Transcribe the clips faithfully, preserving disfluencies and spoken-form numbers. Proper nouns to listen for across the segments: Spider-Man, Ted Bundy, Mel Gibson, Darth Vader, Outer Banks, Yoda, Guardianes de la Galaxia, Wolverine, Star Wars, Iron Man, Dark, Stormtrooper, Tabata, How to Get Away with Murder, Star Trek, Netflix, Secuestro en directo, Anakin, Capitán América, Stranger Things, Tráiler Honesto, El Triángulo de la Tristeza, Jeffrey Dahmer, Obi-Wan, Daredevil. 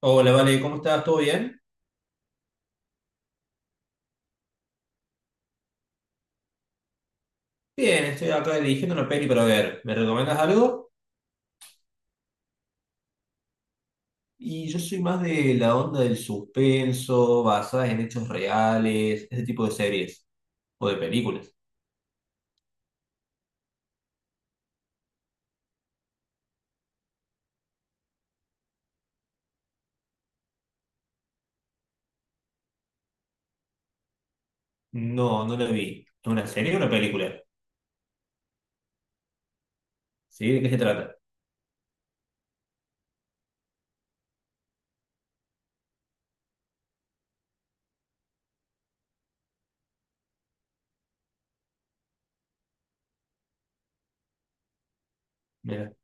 Hola, Vale, ¿cómo estás? ¿Todo bien? Bien, estoy acá eligiendo una peli para ver. ¿Me recomiendas algo? Y yo soy más de la onda del suspenso, basadas en hechos reales, ese tipo de series o de películas. No, no la vi. ¿Es una serie o una película? ¿Sí? ¿De qué se trata? Mira.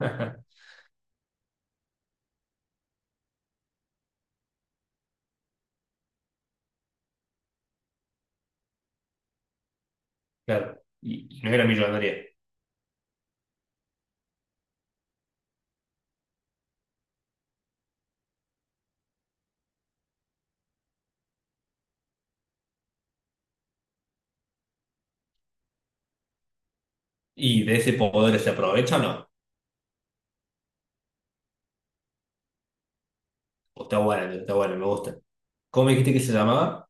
Claro. Y, y no era millonaria. ¿Y de ese poder se aprovecha o no? O está buena, está buena, me gusta. ¿Cómo me dijiste que se llamaba?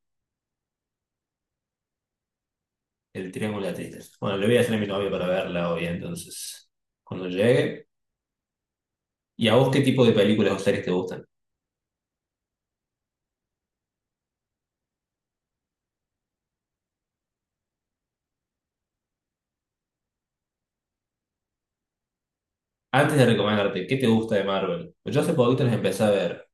El Triángulo de la Tristeza. Bueno, le voy a hacer a mi novia para verla hoy, entonces. Cuando llegue. ¿Y a vos qué tipo de películas o series te gustan? Antes de recomendarte, ¿qué te gusta de Marvel? Pues yo hace poquito las empecé a ver.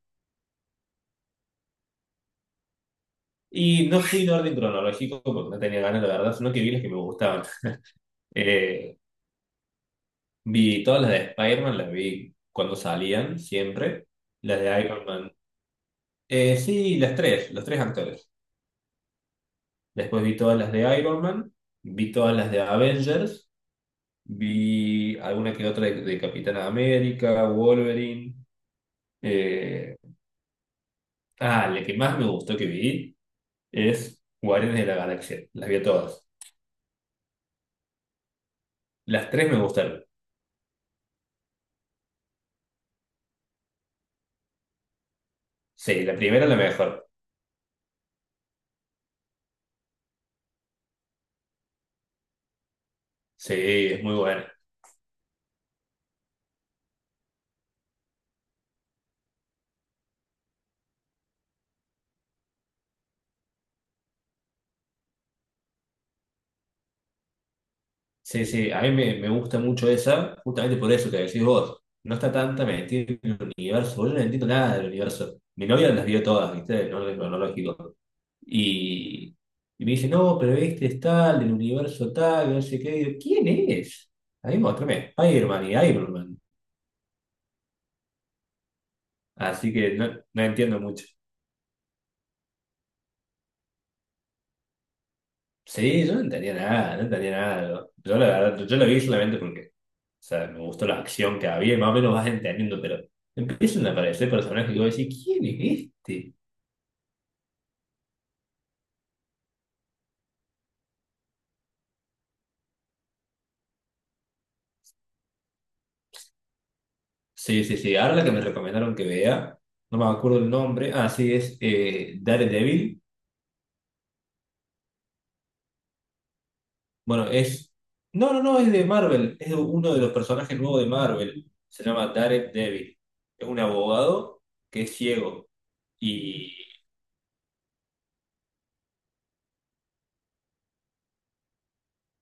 Y no fui en orden cronológico porque no tenía ganas, la verdad, sino que vi las que me gustaban. Eh, vi todas las de Spider-Man, las vi cuando salían, siempre. Las de Iron Man. Eh, sí, las tres, los tres actores. Después vi todas las de Iron Man, vi todas las de Avengers, vi alguna que otra de, de Capitán América, Wolverine. eh, ah, la que más me gustó que vi es Guardianes de la Galaxia. Las vi todas. Las tres me gustaron. Sí, la primera es la mejor. Sí, es muy buena. Sí, sí, a mí me, me gusta mucho esa, justamente por eso que decís vos. No está tanta metida en el universo. Yo no entiendo nada del universo. Mi novia las vio todas, ¿viste? No es cronológico. Y, y me dice, no, pero este es tal, del universo tal, no sé qué. Y yo, ¿quién es? Ahí mí muéstrame, Iron Man y Iron Man. Así que no, no entiendo mucho. Sí, yo no entendía nada, no entendía nada. Yo, yo la verdad, yo, lo vi solamente porque, o sea, me gustó la acción que había y más o menos vas entendiendo, pero empiezan a aparecer personajes que voy a decir, ¿quién es este? Sí, sí, sí. Ahora la que me recomendaron que vea, no me acuerdo el nombre. Ah, sí, es eh, Daredevil. Bueno, es. No, no, no, es de Marvel. Es uno de los personajes nuevos de Marvel. Se llama Daredevil. Es un abogado que es ciego. Y.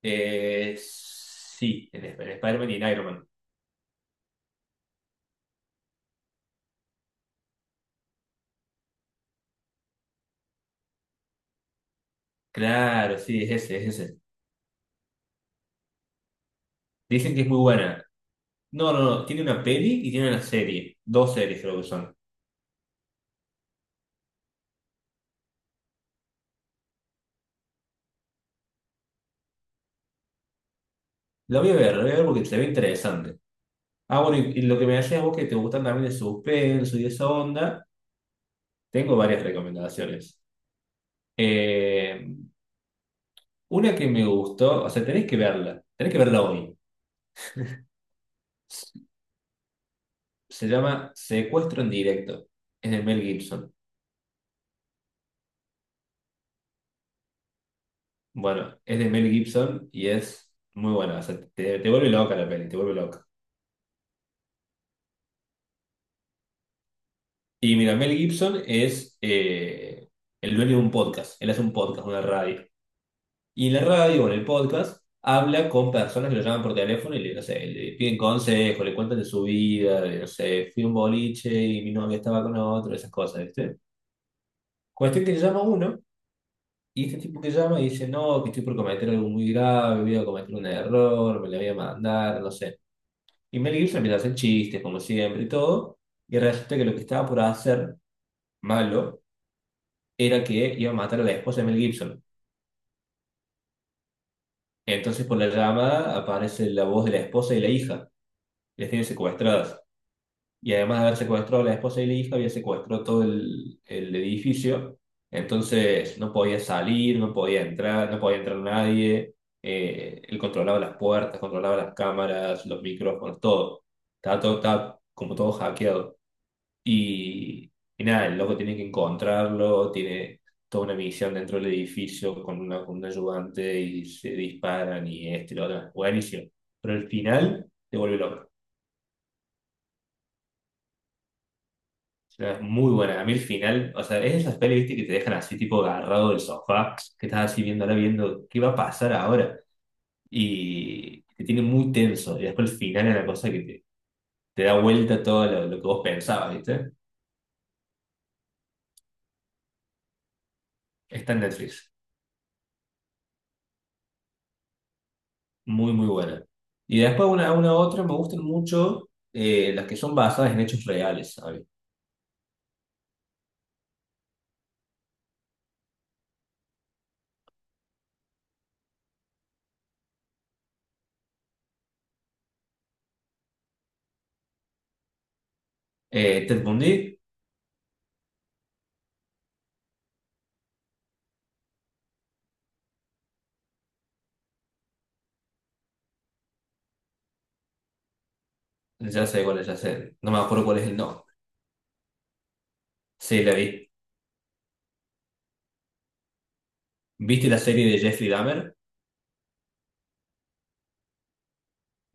eh, Sí, en, Sp- en Spider-Man y en Iron Man. Claro, sí, es ese, es ese. Dicen que es muy buena. No, no, no, tiene una peli y tiene una serie. Dos series creo que son. La voy a ver, la voy a ver porque se ve interesante. Ah, bueno, y, y lo que me decías vos que te gustan también el suspenso y esa onda, tengo varias recomendaciones. Eh, una que me gustó, o sea, tenés que verla, tenés que verla hoy. Se llama Secuestro en directo. Es de Mel Gibson. Bueno, es de Mel Gibson y es muy buena. O sea, te, te vuelve loca la peli, te vuelve loca. Y mira, Mel Gibson es eh, el dueño de un podcast. Él hace un podcast, una radio. Y en la radio o en el podcast habla con personas que lo llaman por teléfono y le, no sé, le piden consejos, le cuentan de su vida, de, no sé, fui a un boliche y mi novia estaba con otro, esas cosas, ¿viste? Cuestión que llama uno y este tipo que llama y dice, no, que estoy por cometer algo muy grave, voy a cometer un error, me la voy a mandar, no sé. Y Mel Gibson empieza a hacer chistes, como siempre y todo, y resulta que lo que estaba por hacer, malo, era que iba a matar a la esposa de Mel Gibson. Entonces, por la llamada aparece la voz de la esposa y la hija, les tiene secuestradas. Y además de haber secuestrado a la esposa y la hija, había secuestrado todo el, el edificio. Entonces, no podía salir, no podía entrar, no podía entrar nadie. Eh, él controlaba las puertas, controlaba las cámaras, los micrófonos, todo. Estaba, todo, estaba como todo hackeado. Y, y nada, el loco tiene que encontrarlo, tiene toda una misión dentro del edificio con, una, con un ayudante y se disparan y este y lo otro. Buenísimo. Pero el final te vuelve loco. O sea, es muy buena. A mí el final, o sea, es esas pelis, viste, que te dejan así tipo agarrado del sofá, que estás así viendo ahora viendo qué va a pasar ahora. Y te tiene muy tenso. Y después el final es la cosa que te, te da vuelta todo lo, lo que vos pensabas, ¿viste? Está en Netflix. Muy, muy buena. Y después una, una, otra, me gustan mucho eh, las que son basadas en hechos reales, sabes. Eh, Ted Bundy, ya sé cuál es, ya sé. No me acuerdo cuál es el nombre. Sí, la vi. ¿Viste la serie de Jeffrey Dahmer?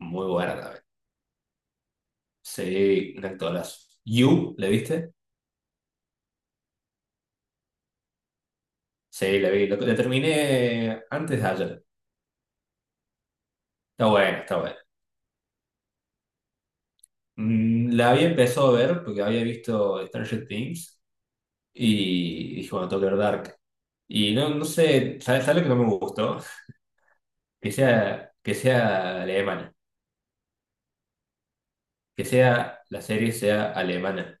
Muy buena también. Sí, un actorazo. ¿You? ¿La viste? Sí, la vi. Lo- La, terminé antes de ayer. Está buena, está buena. Mm, La había empezado a ver porque había visto Stranger Things y dije, bueno, tengo que ver Dark. Y no, no sé, ¿sabes, sabes lo que no me gustó? que sea, que sea alemana, que sea, la serie sea alemana.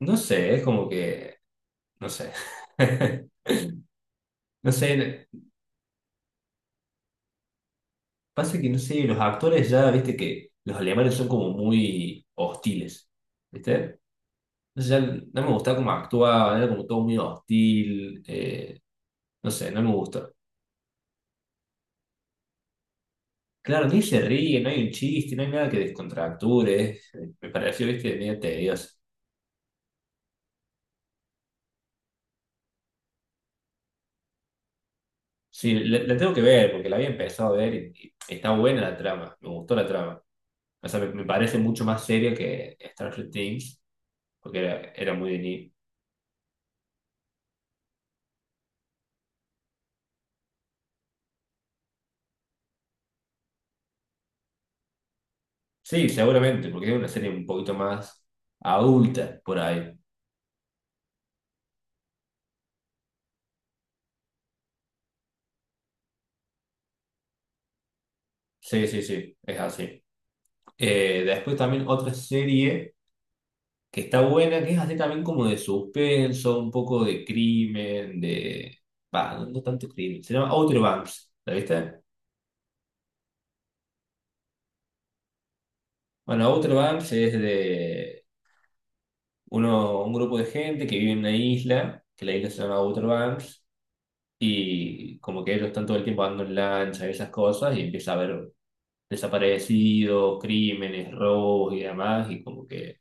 No sé, es como que, no sé. No sé, pasa que no sé, los actores ya, viste que los alemanes son como muy hostiles, ¿viste? Entonces ya no me gustaba cómo actuaban, era como todo muy hostil, eh, no sé, no me gustó. Claro, ni se ríe, no hay un chiste, no hay nada que descontracture, eh, me pareció, viste, medio tedioso. Sí, le la tengo que ver, porque la había empezado a ver y, y está buena la trama, me gustó la trama. O sea, me, me parece mucho más seria que Stranger Things, porque era, era muy de ni- Sí, seguramente, porque es una serie un poquito más adulta por ahí. Sí, sí, sí, es así. Eh, después también otra serie que está buena, que es así también como de suspenso, un poco de crimen, de... Bah, no, no tanto crimen, se llama Outer Banks, ¿la viste? Bueno, Outer Banks es de... uno, un grupo de gente que vive en una isla, que la isla se llama Outer Banks, y como que ellos están todo el tiempo andando en lancha y esas cosas, y empieza a haber desaparecidos, crímenes, robos y demás, y como que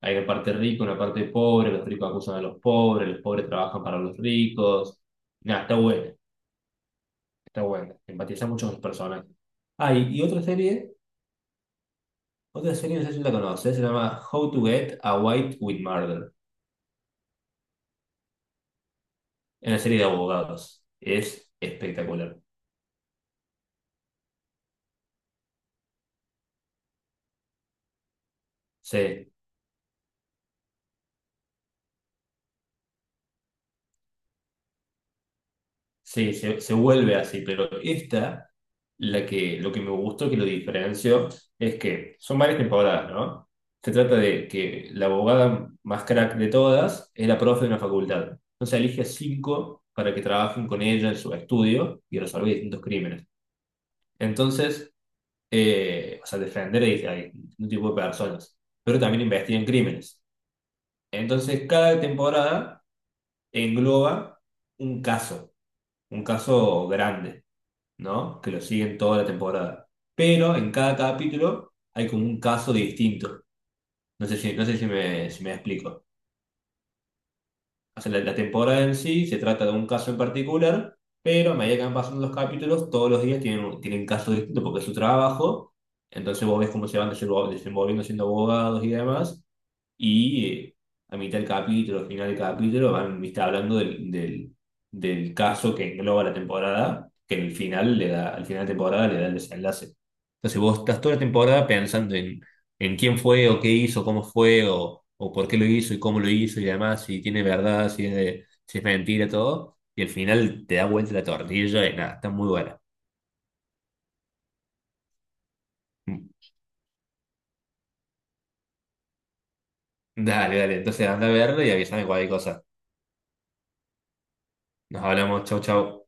hay una parte rica, una parte pobre, los ricos acusan a los pobres, los pobres trabajan para los ricos. Nada, está buena, está buena. Empatiza mucho con los personajes. Ah, y, y, otra serie, otra serie, no sé si la conoces, se llama How to Get Away with Murder. Es una serie de abogados. Es espectacular. Sí, sí, se, se vuelve así, pero esta, la que, lo que me gustó, que lo diferenció, es que son varias temporadas, ¿no? Se trata de que la abogada más crack de todas es la profe de una facultad. Entonces elige a cinco para que trabajen con ella en su estudio y resolver distintos crímenes. Entonces, eh, o sea, defender a a distintos tipos de personas, pero también investigan crímenes. Entonces, cada temporada engloba un caso, un caso grande. ¿No? Que lo siguen toda la temporada. Pero en cada capítulo hay como un caso distinto. No sé si, no sé si me, si me explico. O sea, la, la temporada en sí se trata de un caso en particular, pero a medida que van pasando los capítulos, todos los días tienen, un- tienen casos distintos porque es su trabajo. Entonces vos ves cómo se van desenvol- desenvolviendo siendo abogados y demás. Y eh, a mitad del capítulo, final del capítulo, van, viste, hablando del, del, del, caso que engloba la temporada, que en el final le da, al final de temporada le da el desenlace. Entonces vos estás toda la temporada pensando en, en quién fue, o qué hizo, cómo fue, o, o por qué lo hizo y cómo lo hizo y demás, si tiene verdad, si es, de- si es mentira, todo. Y al final te da vuelta la tortilla y nada, está muy buena. Mm, Dale, dale, entonces anda a verlo y avísame cualquier cosa. Nos hablamos, chau, chau.